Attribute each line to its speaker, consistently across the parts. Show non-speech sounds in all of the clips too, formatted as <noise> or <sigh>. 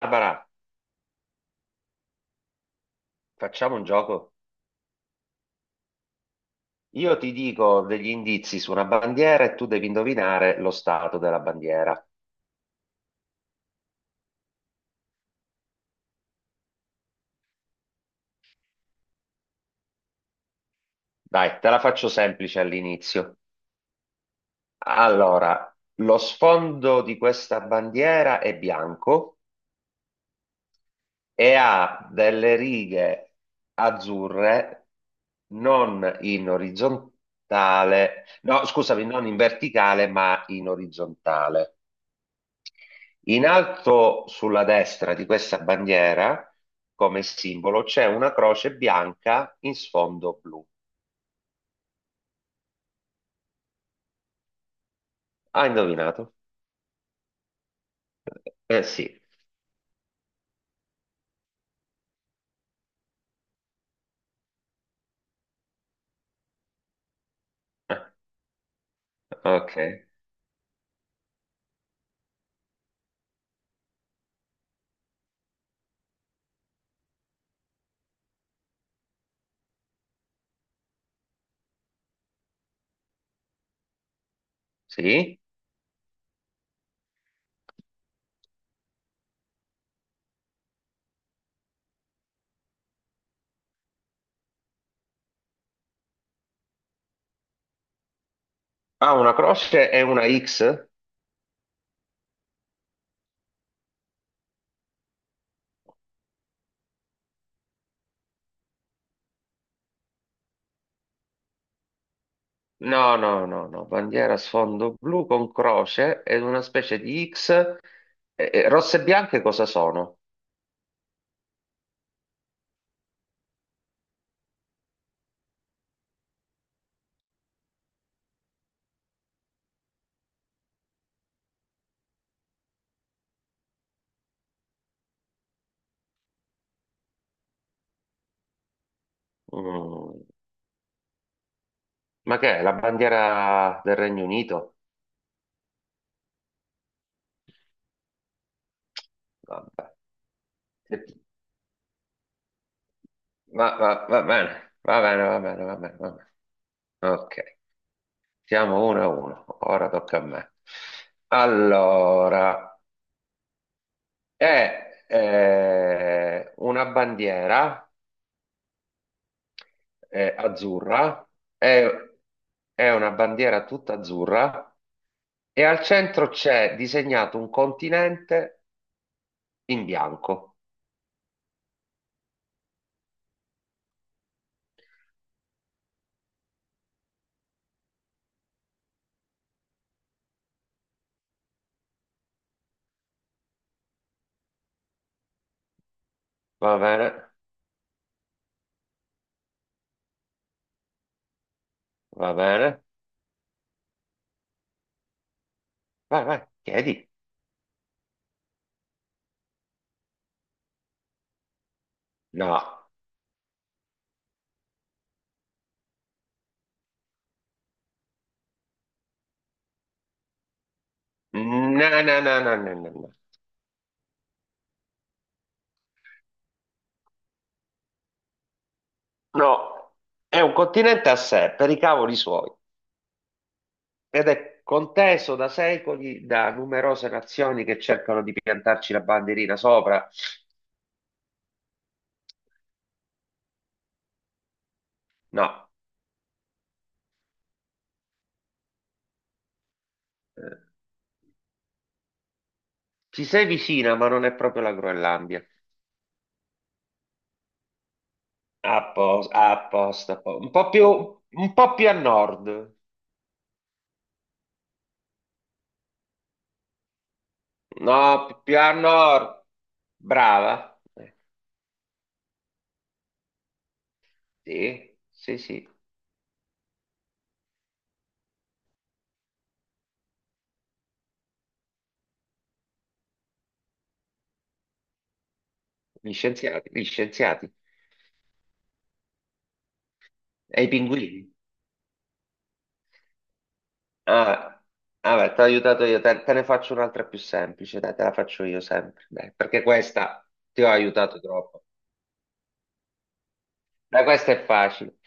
Speaker 1: Barbara, facciamo un gioco. Io ti dico degli indizi su una bandiera e tu devi indovinare lo stato della bandiera. Dai, te la faccio semplice all'inizio. Allora, lo sfondo di questa bandiera è bianco e ha delle righe azzurre non in orizzontale, no, scusami, non in verticale, ma in orizzontale. In alto sulla destra di questa bandiera, come simbolo, c'è una croce bianca in sfondo blu. Hai indovinato? Eh sì. <laughs> Ah, ok. Sì. Ha una croce e una X? No, no, no, no. Bandiera a sfondo blu con croce ed una specie di X. E rosse e bianche cosa sono? Mm, ma che è? La bandiera del Regno Unito? Vabbè. Va bene, va bene, va bene, va bene, va bene. Ok, siamo uno a uno, ora tocca a me. Allora, è una bandiera azzurra, è, è una bandiera tutta azzurra e al centro c'è disegnato un continente in bianco. Va bene, va bene, vai, vai, chiedi. No, no, no, no, no, no, no, no, no, è un continente a sé, per i cavoli suoi. Ed è conteso da secoli da numerose nazioni che cercano di piantarci la bandierina sopra. No, eh, ci sei vicina, ma non è proprio la Groenlandia. A posto, a posto, a posto. Un po' più a nord. No, più a nord. Brava. Sì, sì, sì. Gli scienziati, gli scienziati. E i pinguini. Ah, vabbè, ti ho aiutato io, te, te ne faccio un'altra più semplice, dai, te la faccio io sempre, dai, perché questa ti ho aiutato troppo. Dai, questa è facile.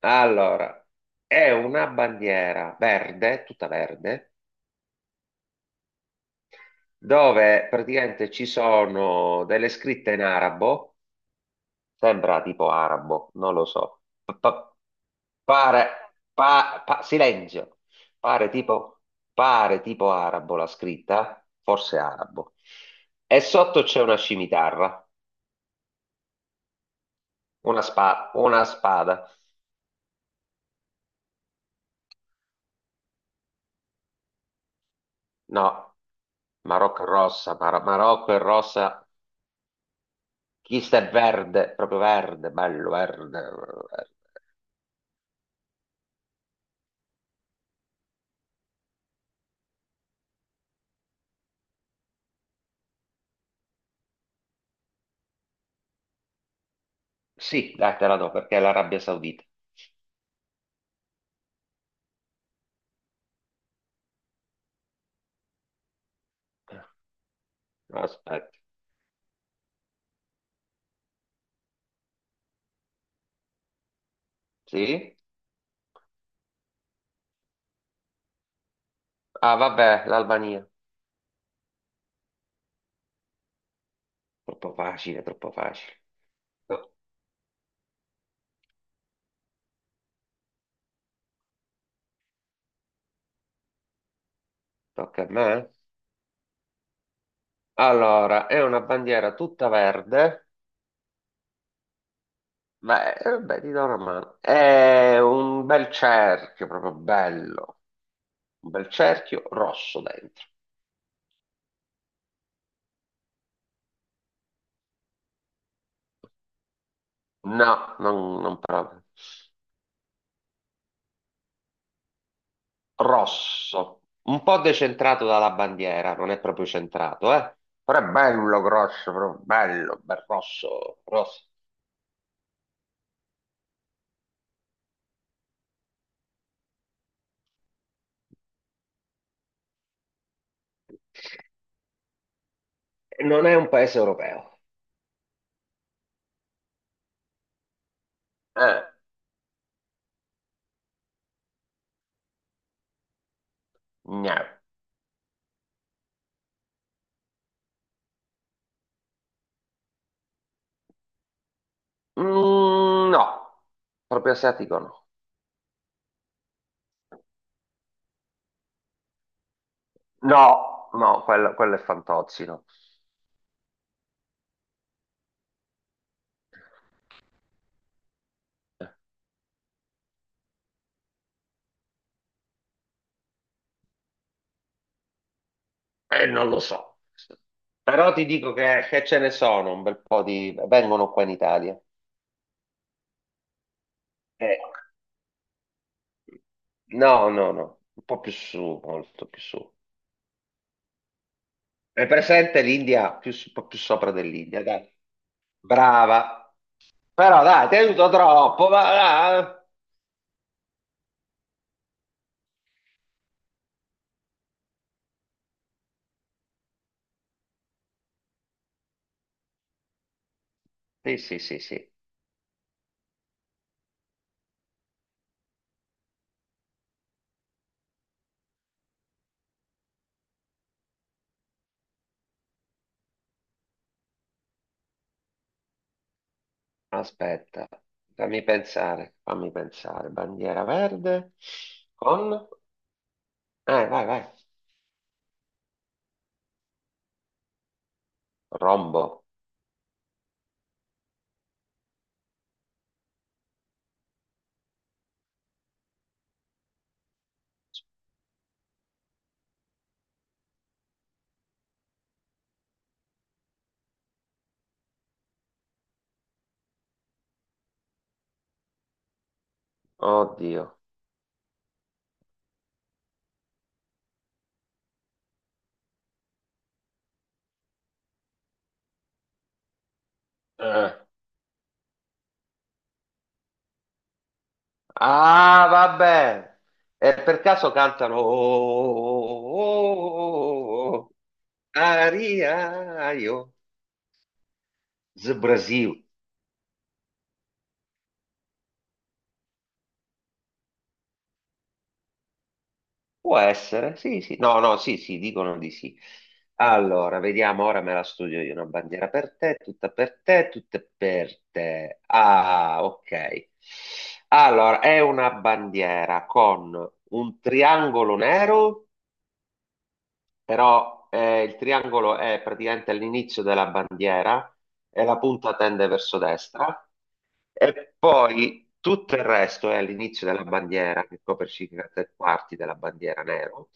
Speaker 1: Allora, è una bandiera verde, tutta verde, dove praticamente ci sono delle scritte in arabo. Sembra tipo arabo, non lo so. Silenzio. Pare tipo, pare tipo arabo la scritta, forse arabo. E sotto c'è una scimitarra, una spada. No, Marocco è rossa, Marocco è rossa. Chi sta è verde, proprio verde, bello verde. Verde. Sì, dai, te la do perché è l'Arabia Saudita. Aspetta, sì? Ah, vabbè, l'Albania. Troppo facile, troppo facile. No, tocca a me. Allora, è una bandiera tutta verde. Beh, vabbè, ti do una mano. È un bel cerchio, proprio bello. Un bel cerchio rosso dentro. No, non proprio. Rosso. Un po' decentrato dalla bandiera, non è proprio centrato, eh. Però è bello grosso, proprio bello, bel rosso, rosso. Non è un paese europeo. Eh, no. Mm, no, proprio asiatico no. No, no, quello è Fantozzi, no. Non lo so. Però ti dico che ce ne sono un bel po' di... Vengono qua in Italia. Eh, no, no, no. Un po' più su, molto più su. È presente l'India, un po' più sopra dell'India, dai. Brava. Però dai, ti aiuto troppo, ma... ah. Sì, sì, sì, sì. Aspetta, fammi pensare, fammi pensare. Bandiera verde con... vai, vai. Rombo. Oddio. Eh. Ah, vabbè. E per caso cantano... "Oh, oh, oh, oh, oh, oh, oh, aria, io, Brasil". Può essere, sì, sì, no, no, sì, sì, dicono di sì. Allora, vediamo, ora me la studio io, una bandiera per te, tutta per te, tutte per te. Ah, ok. Allora, è una bandiera con un triangolo nero, però il triangolo è praticamente all'inizio della bandiera e la punta tende verso destra e poi tutto il resto è all'inizio della bandiera, che copre circa tre quarti della bandiera nero,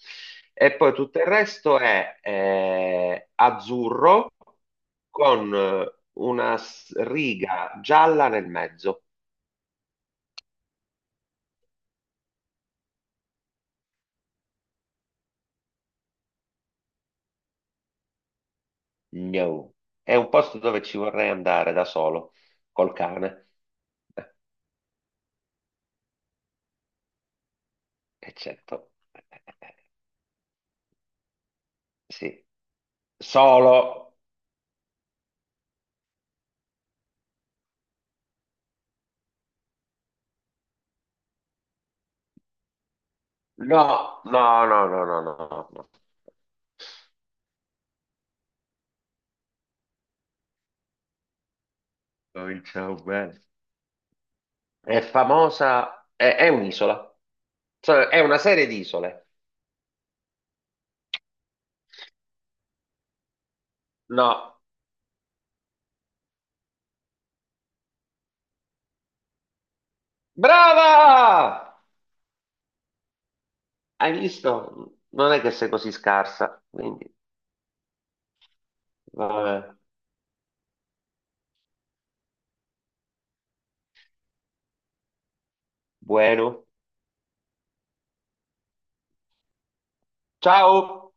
Speaker 1: e poi tutto il resto è azzurro con una riga gialla nel mezzo. No. È un posto dove ci vorrei andare da solo, col cane. Eh, eccetto. Sì. Solo. No, no, no, no, no, no, no. Cominciamo bene. È famosa, è un'isola, cioè è una serie di isole. No, brava! Hai visto? Non è che sei così scarsa, quindi vabbè, bueno. Ciao!